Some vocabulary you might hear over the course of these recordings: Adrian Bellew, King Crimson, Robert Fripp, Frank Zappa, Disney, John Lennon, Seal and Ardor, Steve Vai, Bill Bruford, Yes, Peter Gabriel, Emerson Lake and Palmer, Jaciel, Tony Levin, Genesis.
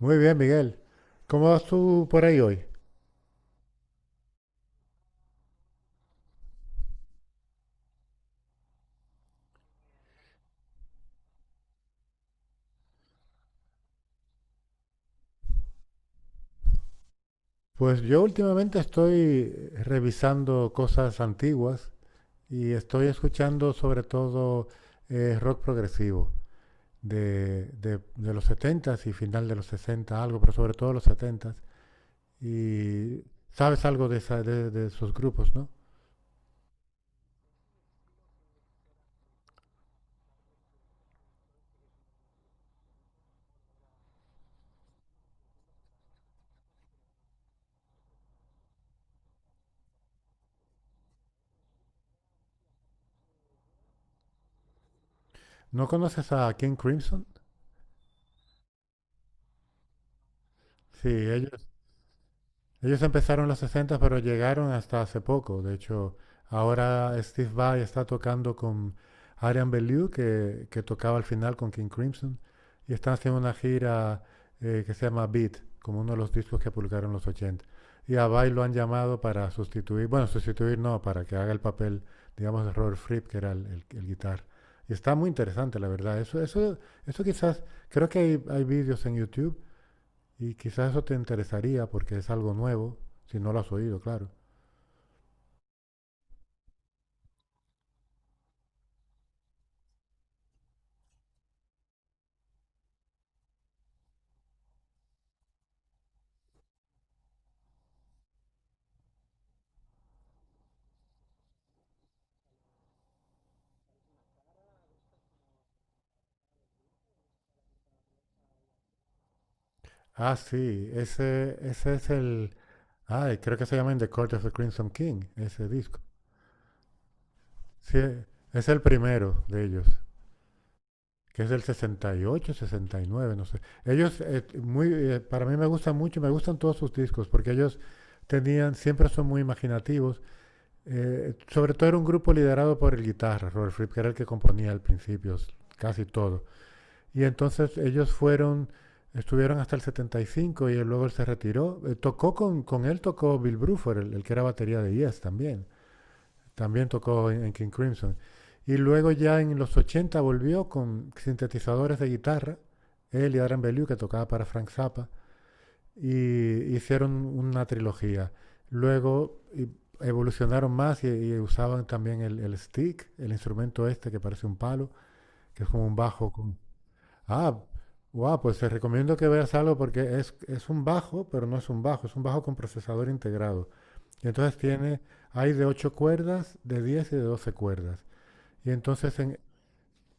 Muy bien, Miguel. ¿Cómo vas tú por ahí hoy? Pues yo últimamente estoy revisando cosas antiguas y estoy escuchando sobre todo rock progresivo de los setentas y final de los 60, algo, pero sobre todo los setentas. Y sabes algo de esos grupos, ¿no? ¿No conoces a King Crimson? Sí, ellos empezaron en los 60, pero llegaron hasta hace poco. De hecho, ahora Steve Vai está tocando con Arian Bellew, que tocaba al final con King Crimson, y están haciendo una gira que se llama Beat, como uno de los discos que publicaron en los 80. Y a Vai lo han llamado para sustituir, bueno, sustituir no, para que haga el papel, digamos, de Robert Fripp, que era el guitar. Y está muy interesante, la verdad. Eso quizás, creo que hay vídeos en YouTube y quizás eso te interesaría porque es algo nuevo, si no lo has oído, claro. Ah, sí, ese es el... Ay, creo que se llama In the Court of the Crimson King, ese disco. Sí, es el primero de ellos, que es del 68, 69, no sé. Ellos, muy, para mí me gustan mucho, me gustan todos sus discos, porque ellos tenían, siempre son muy imaginativos. Sobre todo era un grupo liderado por el guitarra, Robert Fripp, que era el que componía al principio casi todo. Y entonces ellos fueron, estuvieron hasta el setenta y cinco y él luego él se retiró. Tocó con él, tocó Bill Bruford, el que era batería de Yes también. También tocó en King Crimson. Y luego ya en los 80 volvió con sintetizadores de guitarra, él y Adrian Bellew, que tocaba para Frank Zappa, y hicieron una trilogía. Luego evolucionaron más y usaban también el stick, el instrumento este que parece un palo, que es como un bajo con, ah, wow, pues te recomiendo que veas algo porque es un bajo, pero no es un bajo, es un bajo con procesador integrado. Y entonces tiene, hay de 8 cuerdas, de 10 y de 12 cuerdas. Y entonces, en,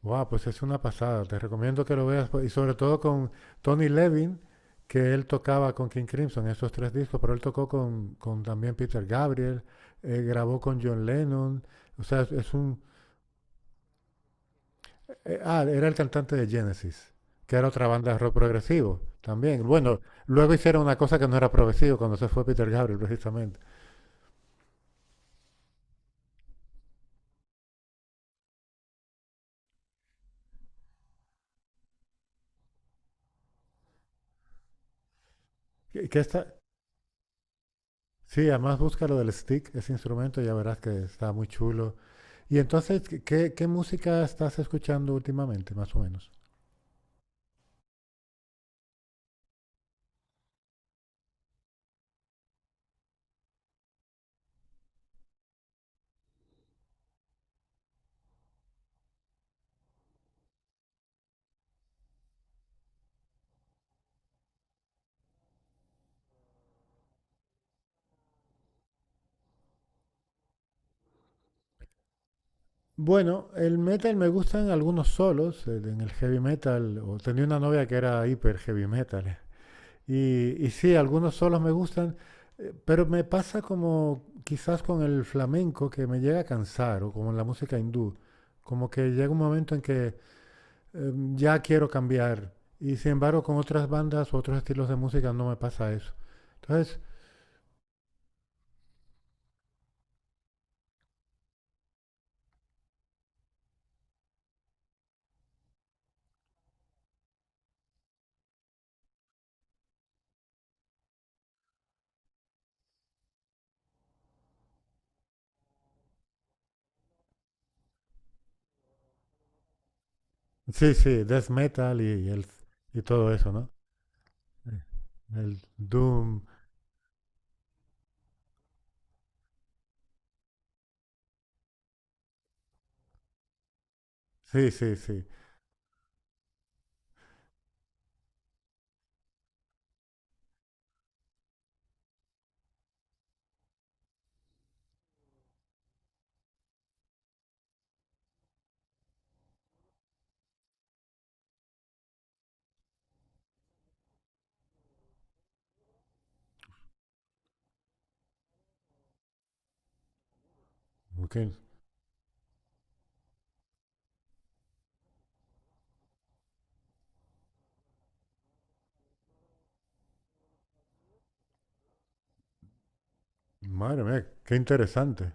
wow, pues es una pasada, te recomiendo que lo veas. Pues, y sobre todo con Tony Levin, que él tocaba con King Crimson, esos tres discos, pero él tocó con también Peter Gabriel, grabó con John Lennon. O sea, es un, era el cantante de Genesis, que era otra banda de rock progresivo también. Bueno, luego hicieron una cosa que no era progresivo cuando se fue Peter Gabriel, precisamente. Que está, sí, además busca lo del stick, ese instrumento, ya verás que está muy chulo. Y entonces, ¿qué música estás escuchando últimamente, más o menos? Bueno, el metal me gustan algunos solos, en el heavy metal, o tenía una novia que era hiper heavy metal, y sí, algunos solos me gustan, pero me pasa como quizás con el flamenco que me llega a cansar o con la música hindú, como que llega un momento en que ya quiero cambiar y sin embargo con otras bandas u otros estilos de música no me pasa eso. Entonces, sí, sí, death metal y, el, y todo eso, ¿no? Sí. El doom, sí, sí, sí. Ok. Madre mía, qué interesante.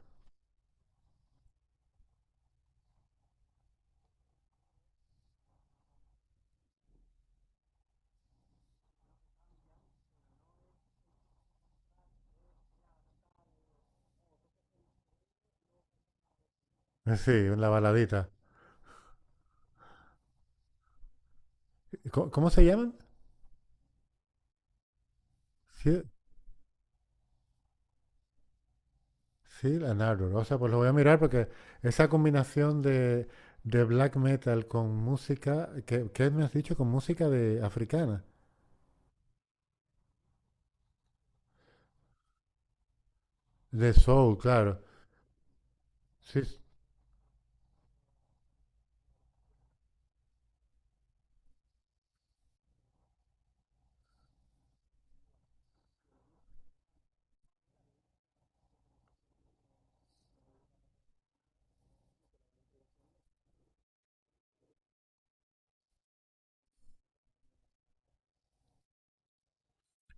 Sí, la baladita. ¿Cómo, cómo se llaman? Sí, sí, la Narrow. O sea, pues lo voy a mirar porque esa combinación de black metal con música, que, ¿qué me has dicho? Con música de africana, de soul, claro. Sí,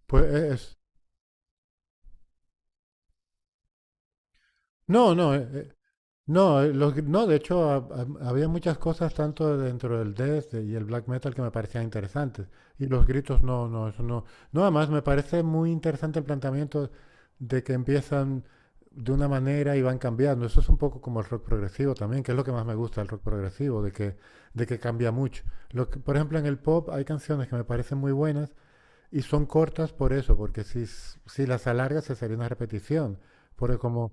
pues es... No, no, no, los no, de hecho había muchas cosas tanto dentro del death y el black metal que me parecían interesantes. Y los gritos no, no, eso no. No, además me parece muy interesante el planteamiento de que empiezan de una manera y van cambiando. Eso es un poco como el rock progresivo también, que es lo que más me gusta del rock progresivo, de que cambia mucho. Por ejemplo, en el pop hay canciones que me parecen muy buenas y son cortas por eso, porque si, si las alargas se sería una repetición. Porque como...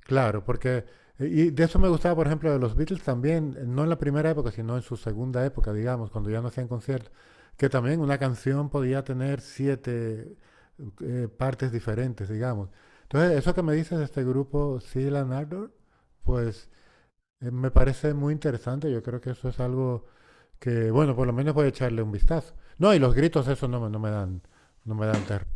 Claro, porque, y de eso me gustaba, por ejemplo, de los Beatles también, no en la primera época, sino en su segunda época, digamos, cuando ya no hacían conciertos, que también una canción podía tener siete partes diferentes, digamos. Entonces, eso que me dices de este grupo, Seal and Ardor, pues me parece muy interesante. Yo creo que eso es algo que, bueno, por lo menos voy a echarle un vistazo. No, y los gritos, eso no me dan, no me dan terror.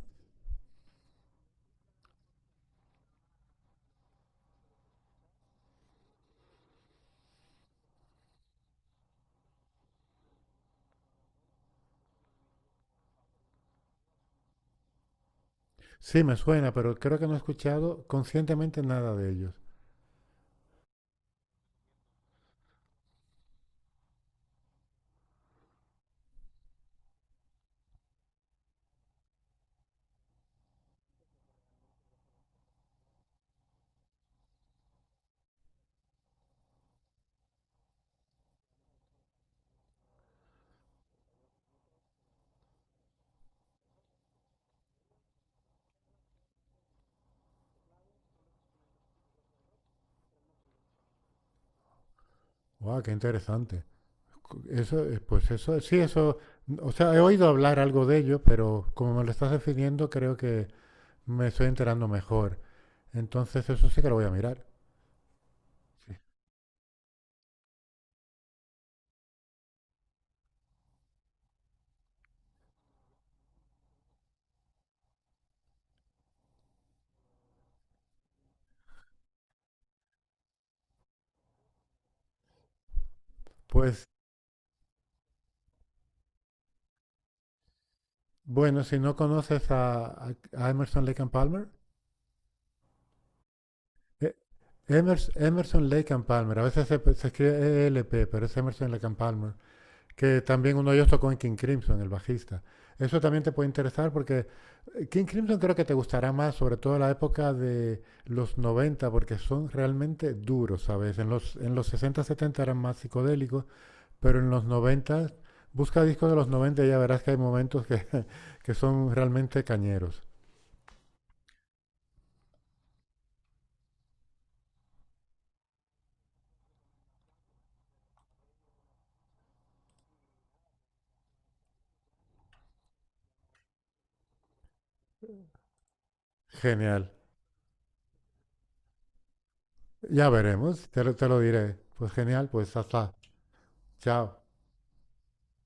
Sí, me suena, pero creo que no he escuchado conscientemente nada de ellos. ¡Wow, qué interesante! Eso, pues eso, sí, eso, o sea, he oído hablar algo de ello, pero como me lo estás definiendo, creo que me estoy enterando mejor. Entonces, eso sí que lo voy a mirar. Sí. Pues, bueno, si no conoces a, a Emerson Lake and Palmer, eh, Emerson Lake and Palmer, a veces se escribe ELP, pero es Emerson Lake and Palmer, que también uno de ellos tocó en King Crimson, el bajista. Eso también te puede interesar porque King Crimson creo que te gustará más, sobre todo la época de los 90 porque son realmente duros, ¿sabes? En los 60 70 eran más psicodélicos, pero en los 90 busca discos de los 90 y ya verás que hay momentos que, que son realmente cañeros. Genial. Ya veremos, te lo diré. Pues genial, pues hasta. Chao.